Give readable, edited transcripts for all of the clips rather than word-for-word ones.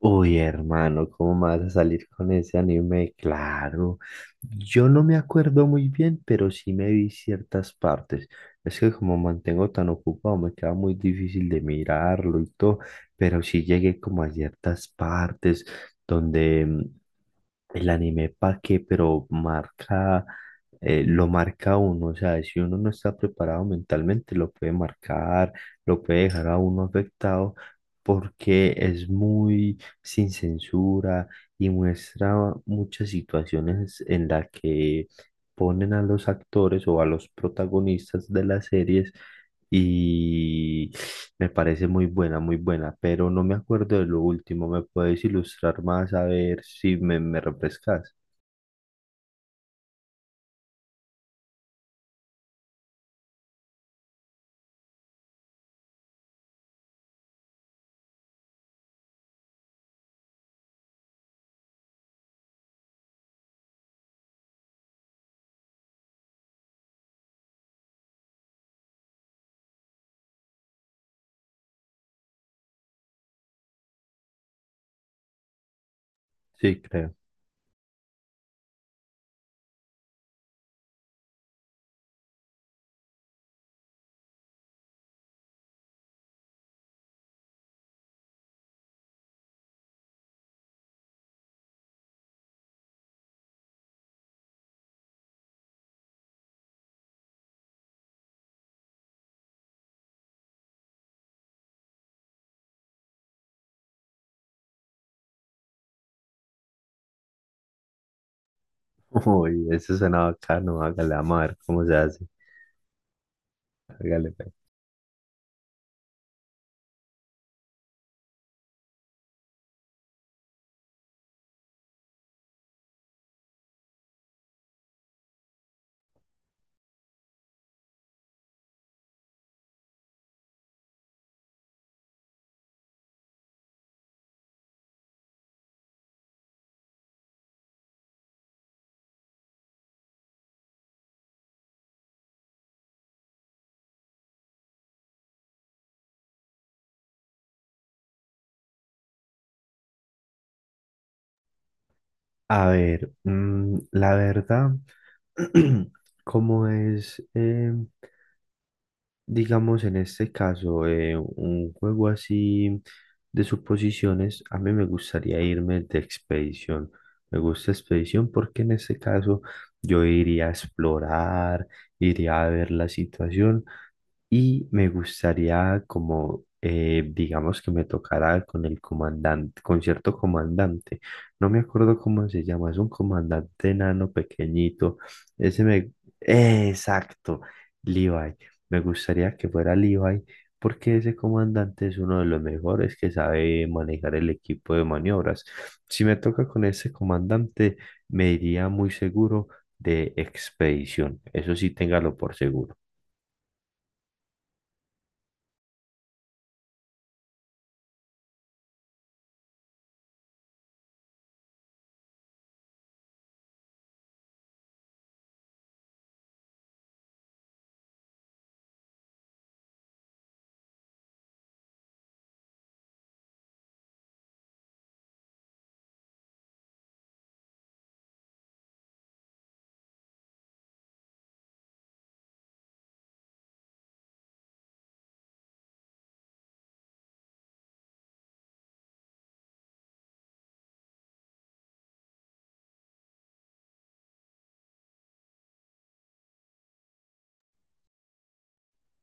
Uy, hermano, ¿cómo me vas a salir con ese anime? Claro, yo no me acuerdo muy bien, pero sí me vi ciertas partes. Es que como mantengo tan ocupado, me queda muy difícil de mirarlo y todo, pero sí llegué como a ciertas partes donde el anime para qué, pero marca, lo marca a uno, o sea, si uno no está preparado mentalmente, lo puede marcar, lo puede dejar a uno afectado, porque es muy sin censura y muestra muchas situaciones en las que ponen a los actores o a los protagonistas de las series y me parece muy buena, pero no me acuerdo de lo último. ¿Me puedes ilustrar más a ver si me refrescas? Sí, creo. Uy, eso suena bacano. Hágale, vamos a ver cómo se hace. Hágale, pues. A ver, la verdad, ¿cómo es? Digamos, en este caso, un juego así de suposiciones, a mí me gustaría irme de expedición. Me gusta expedición porque en este caso yo iría a explorar, iría a ver la situación y me gustaría digamos que me tocara con el comandante, con cierto comandante. No me acuerdo cómo se llama, es un comandante enano pequeñito. Ese me... ¡Eh! Exacto, Levi. Me gustaría que fuera Levi porque ese comandante es uno de los mejores que sabe manejar el equipo de maniobras. Si me toca con ese comandante, me iría muy seguro de expedición. Eso sí, téngalo por seguro.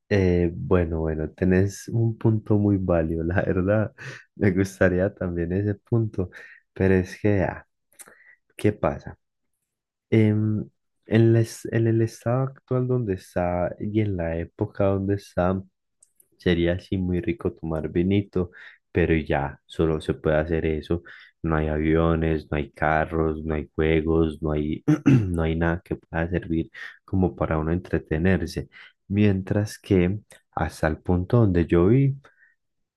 Bueno, bueno, tenés un punto muy válido, la verdad. Me gustaría también ese punto, pero es que, ah, ¿qué pasa? em, en el estado actual donde está y en la época donde está, sería así muy rico tomar vinito, pero ya solo se puede hacer eso. No hay aviones, no hay carros, no hay juegos, no hay, no hay nada que pueda servir como para uno entretenerse. Mientras que hasta el punto donde yo vi,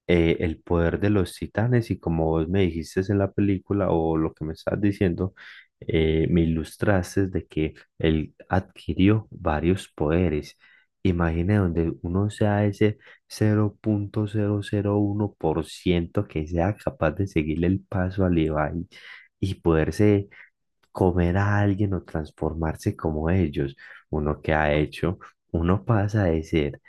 el poder de los titanes y como vos me dijiste en la película o lo que me estás diciendo, me ilustraste de que él adquirió varios poderes. Imagina donde uno sea ese 0,1% que sea capaz de seguirle el paso al Levi y poderse comer a alguien o transformarse como ellos. Uno que ha hecho, uno pasa de ser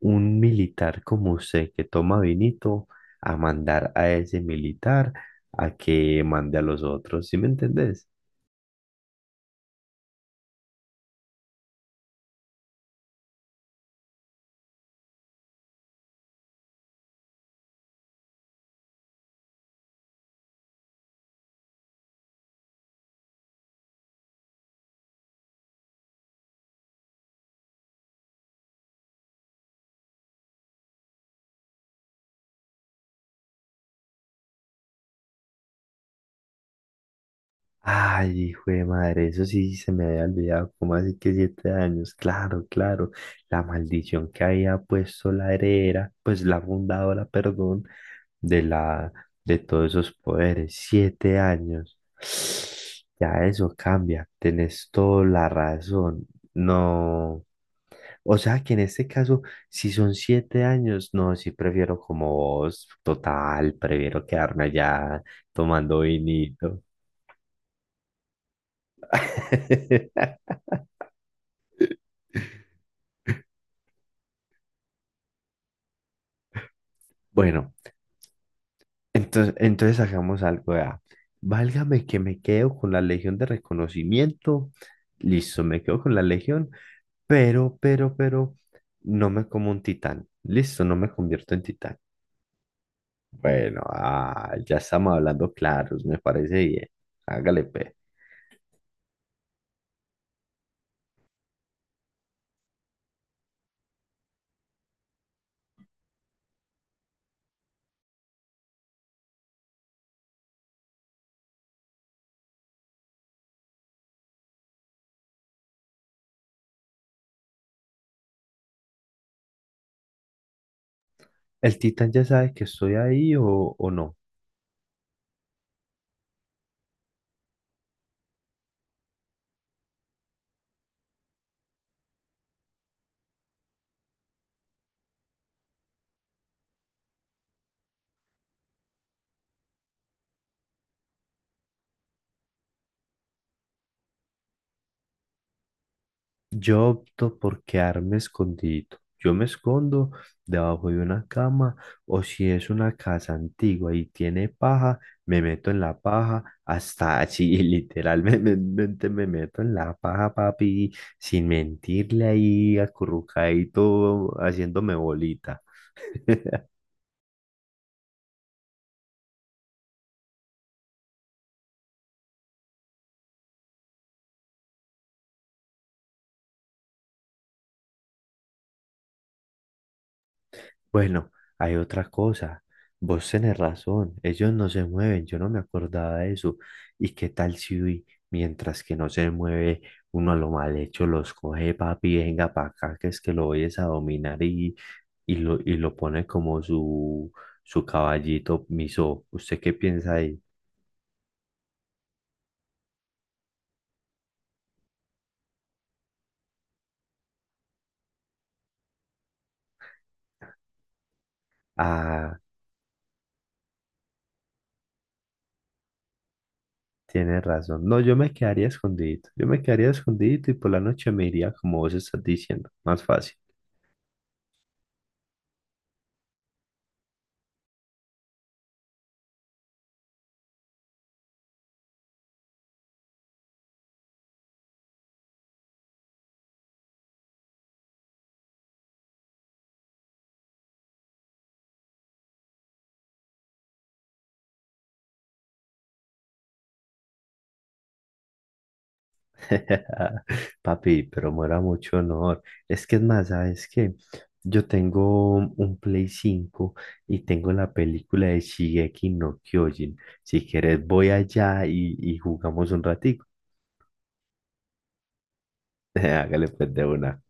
un militar como usted que toma vinito a mandar a ese militar a que mande a los otros, ¿sí me entendés? Ay, hijo de madre, eso sí se me había olvidado, ¿cómo así que 7 años? Claro, claro, la maldición que había puesto la heredera, pues la fundadora, perdón, de la, de todos esos poderes. 7 años. Ya eso cambia. Tenés toda la razón. No. O sea que en este caso, si son 7 años, no, sí prefiero como vos, total, prefiero quedarme allá tomando vinito. Bueno, entonces hagamos algo ya. Válgame que me quedo con la Legión de Reconocimiento. Listo, me quedo con la Legión, pero no me como un titán. Listo, no me convierto en titán. Bueno, ah, ya estamos hablando claros, me parece bien. Hágale, pe. ¿El titán ya sabe que estoy ahí o no? Yo opto por quedarme escondido. Yo me escondo debajo de una cama o si es una casa antigua y tiene paja, me meto en la paja hasta así, literalmente me meto en la paja, papi, sin mentirle ahí, acurrucadito, haciéndome bolita. Bueno, hay otra cosa. Vos tenés razón, ellos no se mueven, yo no me acordaba de eso. ¿Y qué tal si uy, mientras que no se mueve, uno a lo mal hecho los coge, papi, venga para acá, que es que lo vayas a dominar y lo pone como su caballito miso? ¿Usted qué piensa ahí? Ah, tiene razón. No, yo me quedaría escondido, yo me quedaría escondido y por la noche me iría como vos estás diciendo, más fácil. Papi, pero muera mucho honor. Es que es más, ¿sabes qué? Yo tengo un Play 5 y tengo la película de Shigeki no Kyojin. Si quieres, voy allá y jugamos un ratico. Hágale pues de una.